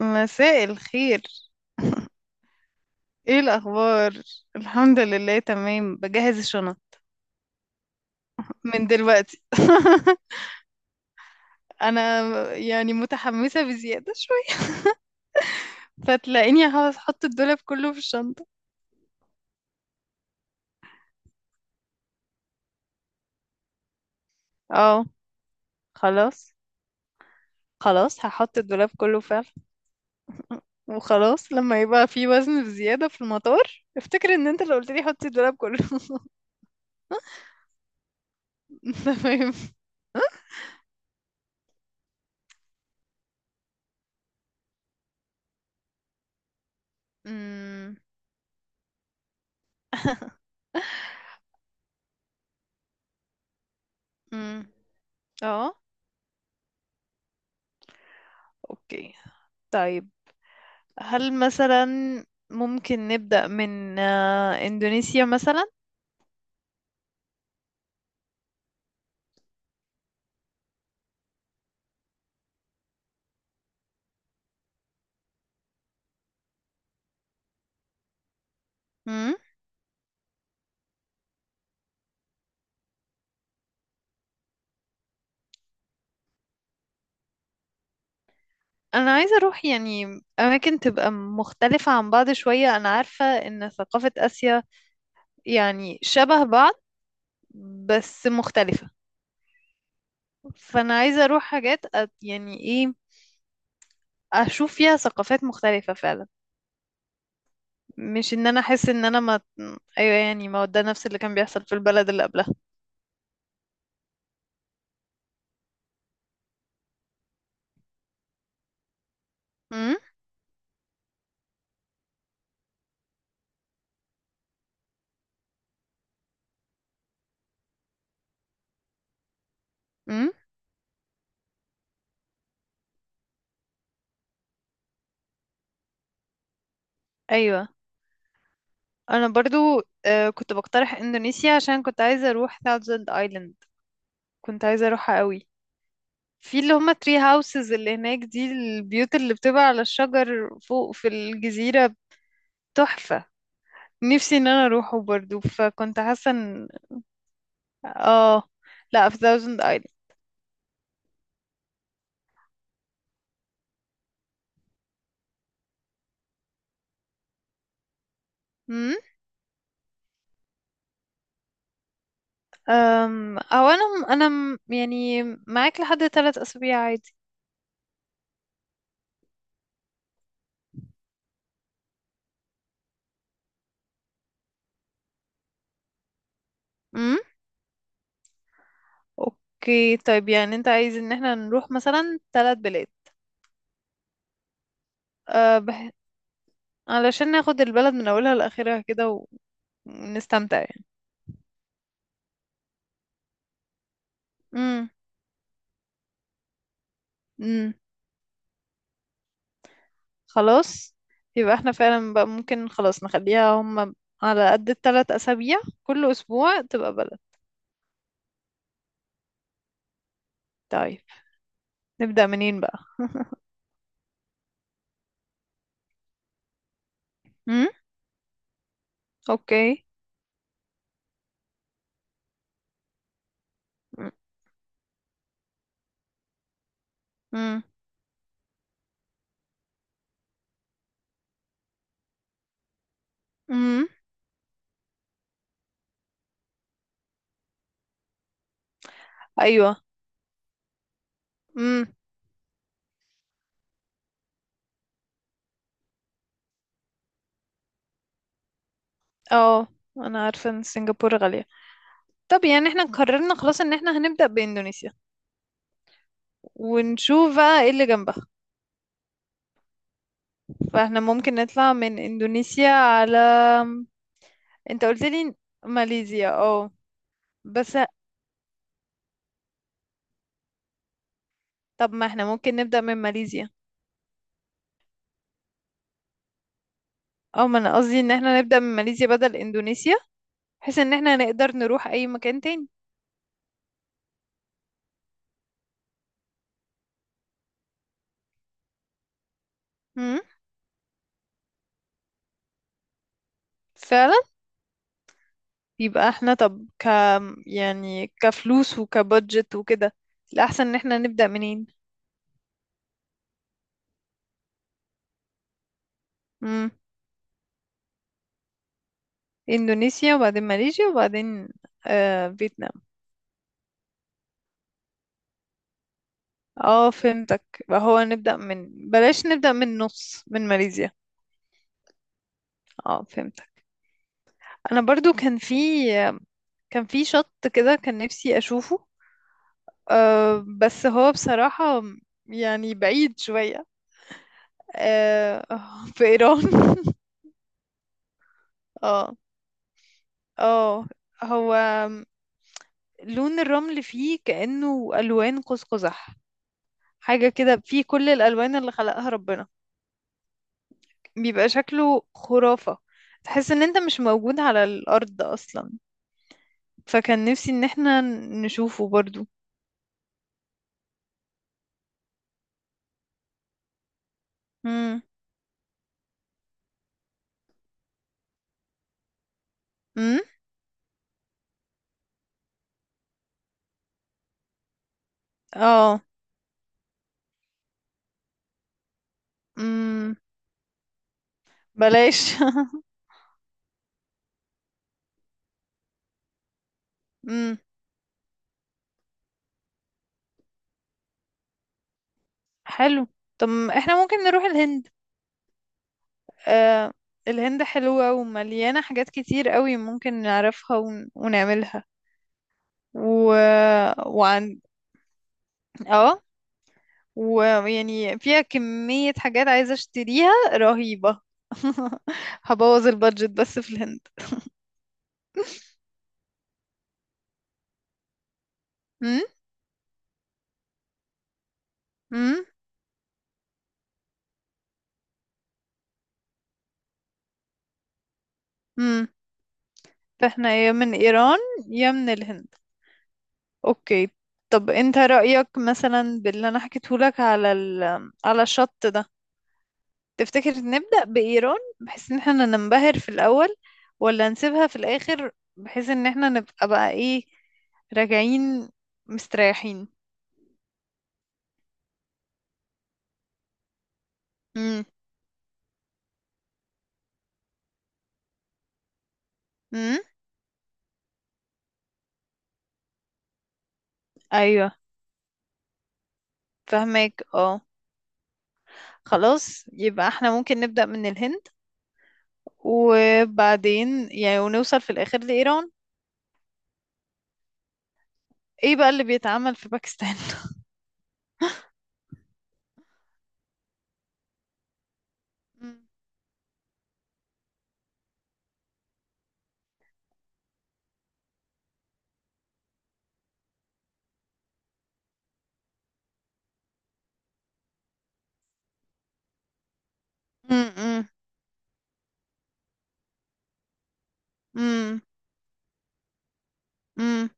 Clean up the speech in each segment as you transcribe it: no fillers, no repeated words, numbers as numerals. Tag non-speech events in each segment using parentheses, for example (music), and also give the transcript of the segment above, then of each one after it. مساء الخير. ايه الاخبار؟ الحمد لله، تمام، بجهز الشنط من دلوقتي. (laughs) انا يعني متحمسه بزياده شويه. فتلاقيني هحط الدولاب كله في الشنطه. اه. خلاص خلاص هحط الدولاب كله فعلا. وخلاص، لما يبقى في وزن بزياده في المطار افتكر ان انت اللي قلت لي حطي الدولاب كله. (laughs) تمام. أمم، أمم. (laughs) اه. اوكي، طيب. هل مثلا ممكن نبدأ من إندونيسيا مثلا؟ مم. أنا عايزة أروح يعني أماكن تبقى مختلفة عن بعض شوية. أنا عارفة إن ثقافة آسيا يعني شبه بعض، بس مختلفة. فأنا عايزة أروح حاجات يعني إيه، أشوف فيها ثقافات مختلفة فعلا. مش إن أنا أحس إن أنا ما. أيوة، يعني ما هو ده نفس اللي كان بيحصل في البلد اللي قبلها. مم. مم. أيوة. انا برضو كنت بقترح اندونيسيا عشان كنت عايزه اروح ثاوزند ايلاند. كنت عايزه اروحها قوي. في اللي هما تري هاوسز اللي هناك، دي البيوت اللي بتبقى على الشجر فوق في الجزيره. تحفه. نفسي ان انا اروحه برضو، فكنت حاسه ان اه، لا في ثاوزند ايلاند. امم. او انا يعني معاك لحد 3 اسابيع عادي. امم. اوكي طيب، يعني انت عايز ان احنا نروح مثلا ثلاث بلاد؟ أه بح- علشان ناخد البلد من اولها لاخرها كده، ونستمتع يعني. امم. امم. خلاص، يبقى احنا فعلا بقى ممكن خلاص نخليها هم على قد الثلاث اسابيع، كل اسبوع تبقى بلد. طيب، نبدأ منين بقى؟ (laughs) امم. اوكي. امم. امم. ايوه. امم. اه، انا عارفه ان سنغافوره غاليه. طب يعني احنا قررنا خلاص ان احنا هنبدأ باندونيسيا، ونشوف بقى ايه اللي جنبها. فاحنا ممكن نطلع من اندونيسيا على، انت قلت لي ماليزيا، اه. بس طب ما احنا ممكن نبدأ من ماليزيا. اه، ما انا قصدي ان احنا نبدأ من ماليزيا بدل اندونيسيا، بحيث ان احنا نقدر نروح اي مكان تاني. امم. فعلا. يبقى احنا، طب ك يعني كفلوس وكبادجت وكده، الاحسن ان احنا نبدأ منين. امم. اندونيسيا وبعدين ماليزيا وبعدين فيتنام. اه فهمتك. يبقى هو نبدأ من بلاش نبدأ من نص من ماليزيا. اه فهمتك. انا برضو كان في شط كده، كان نفسي اشوفه. أه بس هو بصراحة يعني بعيد شوية. أه. (laughs) في ايران. (laughs) اه. اه. هو لون الرمل فيه كأنه الوان قوس قزح، حاجة كده فيه كل الالوان اللي خلقها ربنا. بيبقى شكله خرافة، تحس ان انت مش موجود على الارض اصلا. فكان نفسي ان احنا نشوفه برضو. امم. امم. اه. امم. بلاش. (laughs) امم. حلو، طب احنا ممكن نروح الهند. آه، الهند حلوة ومليانة حاجات كتير قوي ممكن نعرفها ونعملها. و... وعن اه، ويعني فيها كمية حاجات عايزة اشتريها رهيبة. (laughs) هبوظ البادجت بس في الهند. امم. امم. امم. فاحنا يا من ايران يا من الهند. اوكي. طب انت رأيك مثلا باللي انا حكيتهولك على على الشط ده؟ تفتكر نبدأ بإيران بحيث ان احنا ننبهر في الأول، ولا نسيبها في الآخر بحيث ان احنا نبقى بقى ايه، راجعين مستريحين. امم. امم. ايوه فهمك، اه. خلاص يبقى احنا ممكن نبدأ من الهند، وبعدين يعني ونوصل في الآخر لإيران. ايه بقى اللي بيتعمل في باكستان؟ مم. (laughs) مم. مم. مم. مم.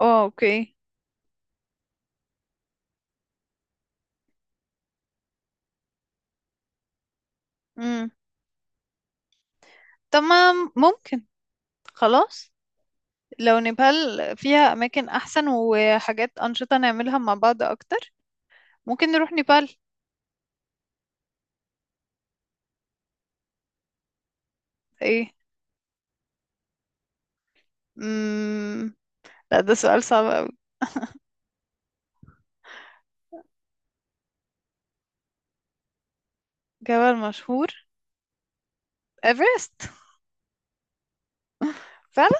اه اوكي. مم. تمام ممكن. خلاص، لو نيبال فيها أماكن أحسن وحاجات أنشطة نعملها مع بعض أكتر، ممكن نروح نيبال. إيه؟ مم... لا، ده سؤال صعب أوي. جبل مشهور. إيفرست. فعلا.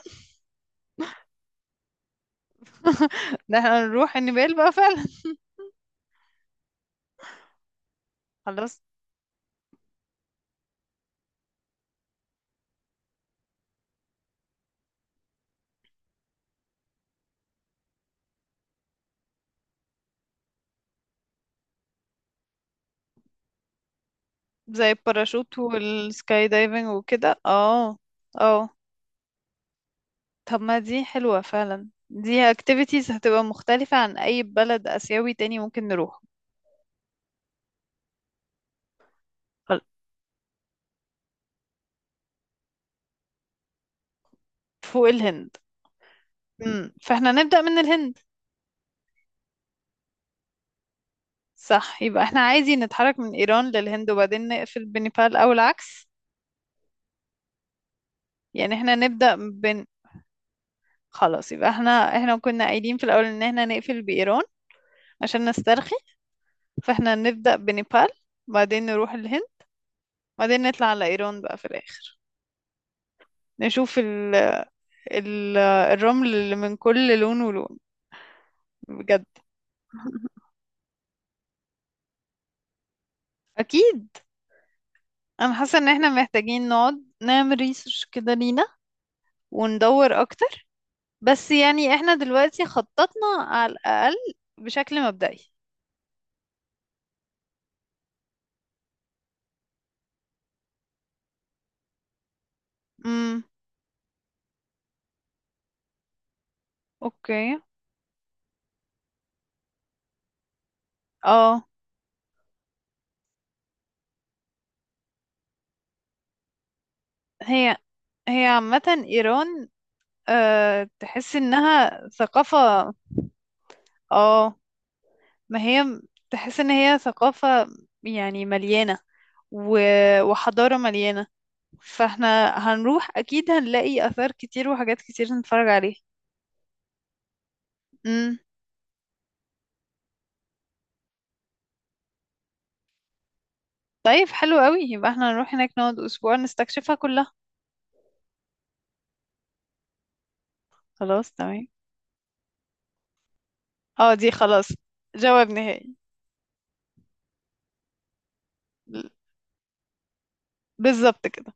(laughs) ده احنا نروح نيبال بقى فعلا. خلاص. زي الباراشوت والسكاي دايفنج وكده، اه. اه، طب ما دي حلوة فعلا، دي activities هتبقى مختلفة عن أي بلد آسيوي تاني ممكن نروح. خل- فوق الهند. مم. فاحنا نبدأ من الهند. صح، يبقى احنا عادي نتحرك من ايران للهند وبعدين نقفل بنيبال او العكس. يعني احنا نبدأ. خلاص يبقى احنا كنا قايلين في الاول ان احنا نقفل بايران عشان نسترخي. فاحنا نبدأ بنيبال، بعدين نروح الهند، بعدين نطلع على ايران بقى في الاخر. نشوف ال... الرمل اللي من كل لون ولون، بجد. اكيد. انا حاسة ان احنا محتاجين نقعد نعمل ريسيرش كده لينا، وندور اكتر. بس يعني احنا دلوقتي خططنا على الأقل بشكل مبدئي. امم. اوكي. اه. هي هي عامة ايران، أه تحس انها ثقافة. اه، ما هي م- تحس ان هي ثقافة، يعني مليانة، و... وحضارة مليانة. فاحنا هنروح اكيد هنلاقي اثار كتير وحاجات كتير نتفرج عليها. امم. طيب حلو قوي، يبقى احنا هنروح هناك نقعد اسبوع نستكشفها كلها. خلاص تمام. اه، دي خلاص. جواب نهائي. بالظبط كده.